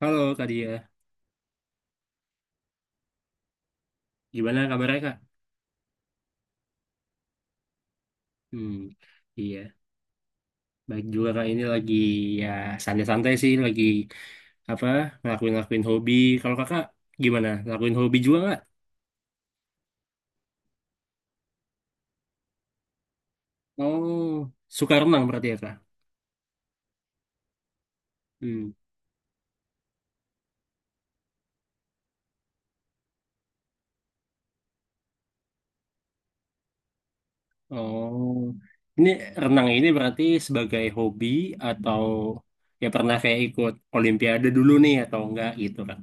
Halo Kak Dia, gimana kabarnya Kak? Hmm, iya, baik juga Kak. Ini lagi ya santai-santai sih, lagi apa ngelakuin-ngelakuin hobi. Kalau Kakak gimana? Lakuin hobi juga nggak? Oh, suka renang berarti ya Kak? Hmm, oh, ini renang ini berarti sebagai hobi atau ya pernah kayak ikut Olimpiade dulu nih atau enggak gitu Kak?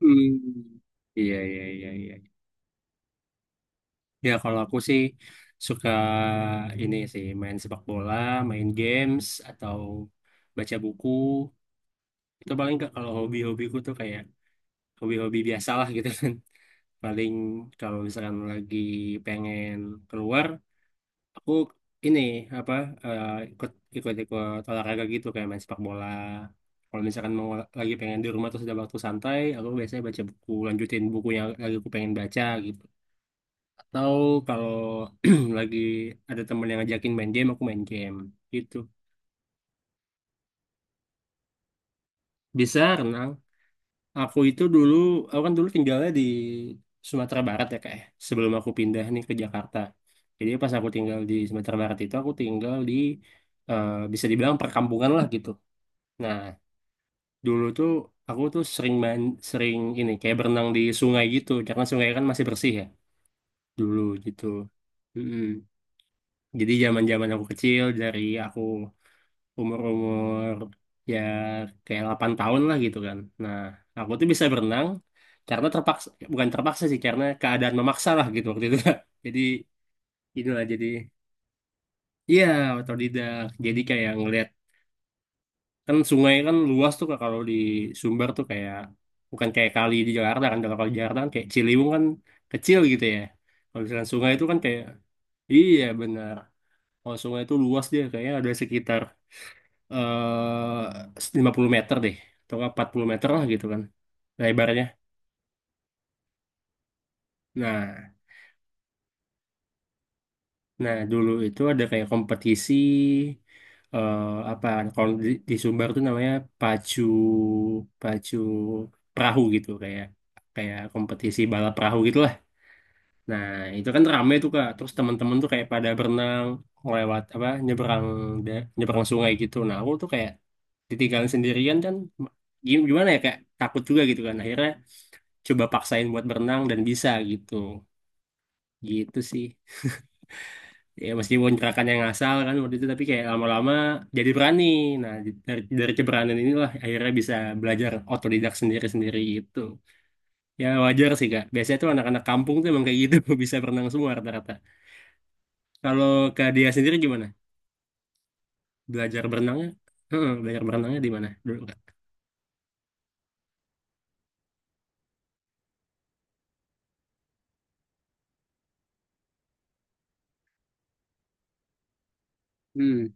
Hmm, iya iya iya iya. Ya kalau aku sih suka ini sih main sepak bola, main games, atau baca buku. Itu paling nggak kalau hobi-hobiku tuh kayak hobi-hobi biasa lah gitu kan. Paling kalau misalkan lagi pengen keluar, aku ini apa eh, ikut ikut-ikut olahraga gitu kayak main sepak bola. Kalau misalkan mau lagi pengen di rumah terus ada waktu santai, aku biasanya baca buku, lanjutin buku yang lagi aku pengen baca gitu. Tahu kalau lagi ada temen yang ngajakin main game, aku main game gitu. Bisa renang. Aku itu dulu, aku kan dulu tinggalnya di Sumatera Barat ya, kayak sebelum aku pindah nih ke Jakarta. Jadi pas aku tinggal di Sumatera Barat itu aku tinggal di bisa dibilang perkampungan lah gitu. Nah, dulu tuh aku tuh sering main, sering ini kayak berenang di sungai gitu karena sungai kan masih bersih ya dulu gitu. Mm-mm. Jadi zaman-zaman aku kecil dari aku umur-umur ya kayak 8 tahun lah gitu kan. Nah, aku tuh bisa berenang karena terpaksa, bukan terpaksa sih, karena keadaan memaksa lah gitu waktu itu, Kak. Jadi inilah, jadi iya otodidak. Jadi kayak ngeliat kan sungai kan luas tuh Kak, kalau di Sumber tuh kayak bukan kayak kali di Jakarta kan, kalau kali di Jakarta kan kayak Ciliwung kan kecil gitu ya. Kalau misalkan sungai itu kan kayak iya benar. Kalau sungai itu luas dia kayaknya ada sekitar 50 meter deh atau nggak 40 meter lah gitu kan lebarnya. Nah, nah, dulu itu ada kayak kompetisi eh apa kalau di, Sumbar tuh namanya pacu pacu perahu gitu, kayak kayak kompetisi balap perahu gitulah. Nah, itu kan rame tuh Kak. Terus teman-teman tuh kayak pada berenang lewat apa nyeberang, nyeberang sungai gitu. Nah, aku tuh kayak ditinggalin sendirian kan, gimana ya kayak takut juga gitu kan. Akhirnya coba paksain buat berenang dan bisa gitu gitu sih ya, meskipun gerakan ngasal kan waktu itu tapi kayak lama-lama jadi berani. Nah, dari keberanian inilah akhirnya bisa belajar otodidak sendiri-sendiri gitu. Ya wajar sih Kak, biasanya tuh anak-anak kampung tuh emang kayak gitu bisa berenang semua rata-rata. Kalau Kak Dia sendiri gimana belajar berenangnya? Heeh, belajar berenangnya di mana dulu Kak? Hmm,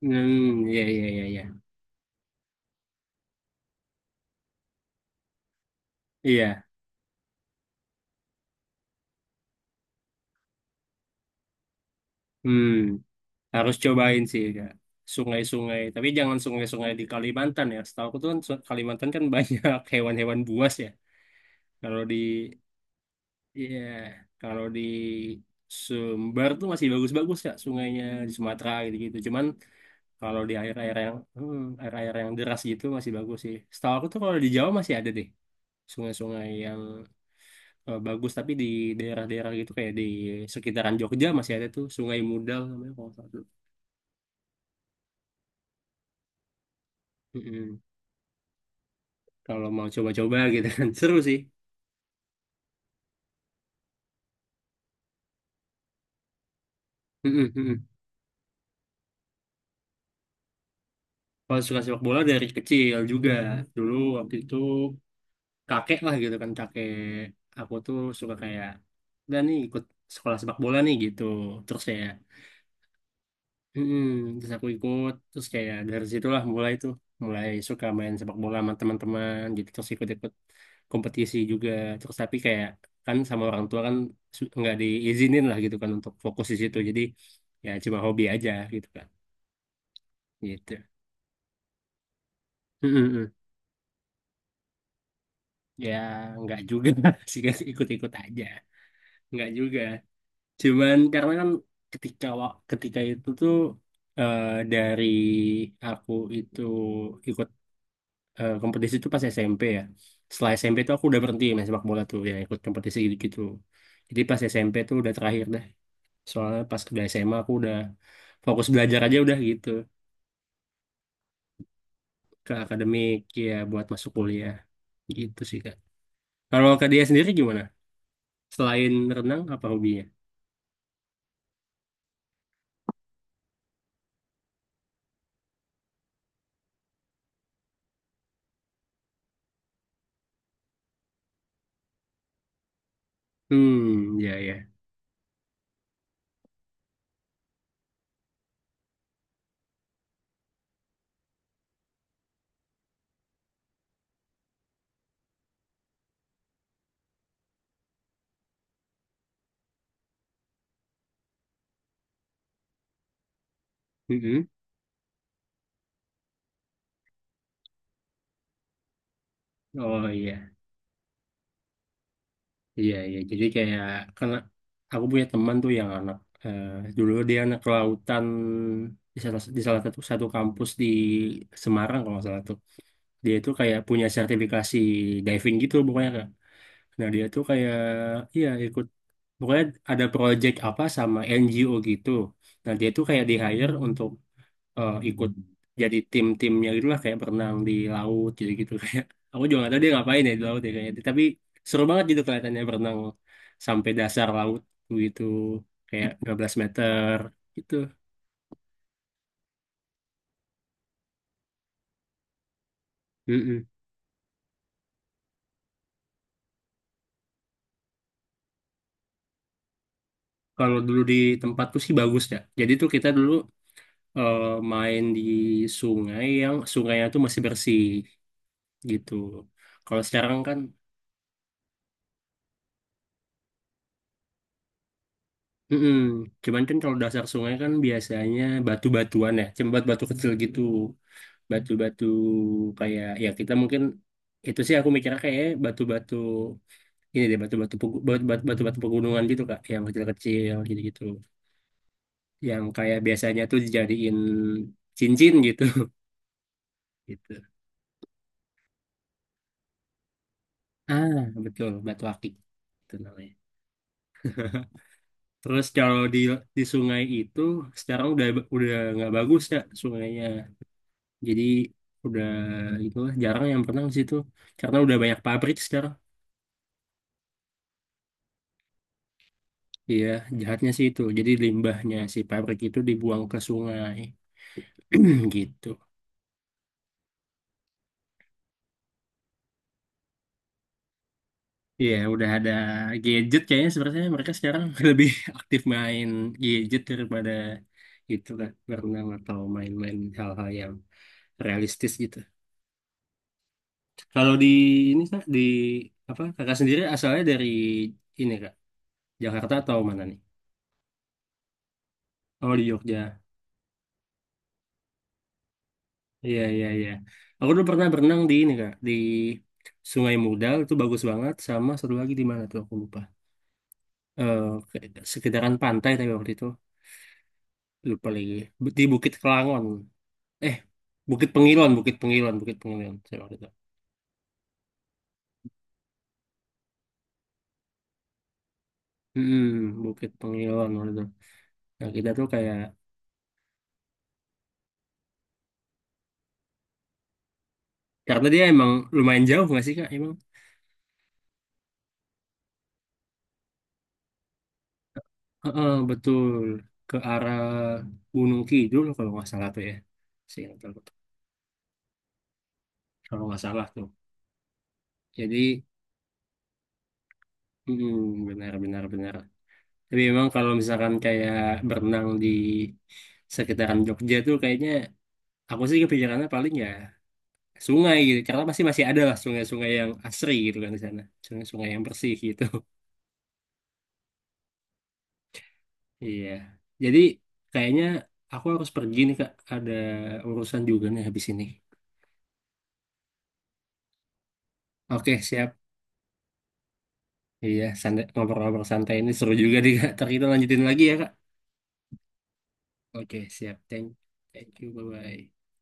hmm, ya ya ya ya, iya, hmm. Harus cobain sih ya. Sungai-sungai, tapi jangan sungai-sungai di Kalimantan ya. Setahu aku tuh kan, Kalimantan kan banyak hewan-hewan buas ya. Kalau di iya, kalau di Sumber tuh masih bagus-bagus ya sungainya, di Sumatera gitu-gitu. Cuman kalau di air-air yang air-air yang deras gitu masih bagus sih. Setahu aku tuh kalau di Jawa masih ada deh sungai-sungai yang bagus, tapi di daerah-daerah gitu kayak di sekitaran Jogja masih ada tuh Sungai Mudal namanya, kalau nggak salah. Kalau mau coba-coba gitu kan seru sih. Mm-mm, mm-mm. Kalau suka sepak bola dari kecil juga. Dulu waktu itu kakek lah gitu kan, kakek aku tuh suka kayak dan nih ikut sekolah sepak bola nih gitu. Terus kayak mm-mm, terus aku ikut, terus kayak dari situlah mulai tuh mulai suka main sepak bola sama teman-teman gitu. Terus ikut-ikut kompetisi juga terus, tapi kayak kan sama orang tua kan, nggak diizinin lah gitu kan untuk fokus di situ, jadi ya cuma hobi aja gitu kan gitu. Mm-mm, mm, mm. Ya, nggak juga sih guys, ikut-ikut aja. Nggak juga. Cuman karena kan ketika ketika itu tuh eh, dari aku itu ikut kompetisi itu pas SMP ya. Setelah SMP tuh aku udah berhenti main sepak bola tuh, ya ikut kompetisi gitu-gitu. Jadi pas SMP tuh udah terakhir deh. Soalnya pas udah SMA aku udah fokus belajar aja udah gitu, ke akademik, ya buat masuk kuliah. Gitu sih Kak. Kalau Kak Dia sendiri gimana? Selain renang apa hobinya? Hmm, ya ya. Mm-mm. Oh iya, iya iya. Jadi kayak karena aku punya teman tuh yang anak eh, dulu dia anak kelautan di salah satu satu kampus di Semarang, kalau nggak salah tuh. Dia tuh kayak punya sertifikasi diving gitu, pokoknya Kak. Nah dia tuh kayak iya ikut, pokoknya ada project apa sama NGO gitu. Nah dia tuh kayak di hire untuk ikut, jadi tim-timnya gitu lah kayak berenang di laut gitu gitu. Kayak aku juga nggak tahu dia ngapain ya di laut ya kayaknya, tapi seru banget gitu kelihatannya berenang sampai dasar laut gitu kayak 15 meter gitu. Mm-mm. Kalau dulu di tempatku sih bagus ya, jadi tuh kita dulu eh, main di sungai yang sungainya tuh masih bersih gitu. Kalau sekarang kan mm. Cuman kan kalau dasar sungai kan biasanya batu-batuan ya, cuma batu-batu kecil gitu. Batu-batu kayak ya kita mungkin itu sih aku mikirnya kayak batu-batu ini deh, batu-batu batu-batu pegunungan gitu Kak, yang kecil-kecil gitu-gitu yang kayak biasanya tuh dijadiin cincin gitu. Gitu. Ah, betul batu akik itu namanya. Terus kalau di sungai itu sekarang udah nggak bagus ya sungainya, jadi udah itu jarang yang berenang di situ karena udah banyak pabrik sekarang. Iya, jahatnya sih itu. Jadi limbahnya si pabrik itu dibuang ke sungai. Gitu. Iya, udah ada gadget kayaknya, sebenarnya mereka sekarang lebih aktif main gadget daripada itu kan berenang atau main-main hal-hal yang realistis gitu. Kalau di ini Kak, di apa kakak sendiri asalnya dari ini Kak, Jakarta atau mana nih? Oh di Jogja. Iya iya iya. Aku dulu pernah berenang di ini Kak, di Sungai Mudal itu bagus banget, sama satu lagi di mana tuh aku lupa. eh Sekedaran pantai tapi waktu itu lupa lagi, di Bukit Kelangon eh Bukit Pengilon, Bukit Pengilon, Bukit Pengilon saya waktu itu. hmm, Bukit Pengilon waktu itu, nah kita tuh kayak karena dia emang lumayan jauh nggak sih Kak emang. Heeh, betul, ke arah Gunung Kidul kalau nggak salah tuh ya. Seingat aku tuh. Kalau nggak salah tuh jadi hmm, benar benar benar. Tapi memang kalau misalkan kayak berenang di sekitaran Jogja tuh kayaknya aku sih kepikirannya paling ya sungai gitu. Jakarta pasti masih ada lah sungai-sungai yang asri gitu kan di sana. Sungai-sungai yang bersih gitu. Iya. Jadi kayaknya aku harus pergi nih Kak. Ada urusan juga nih habis ini. Oke, siap. Iya, santai, ngobrol-ngobrol santai ini seru juga nih Kak. Ntar kita lanjutin lagi ya Kak. Oke, siap. Thank you. Bye-bye.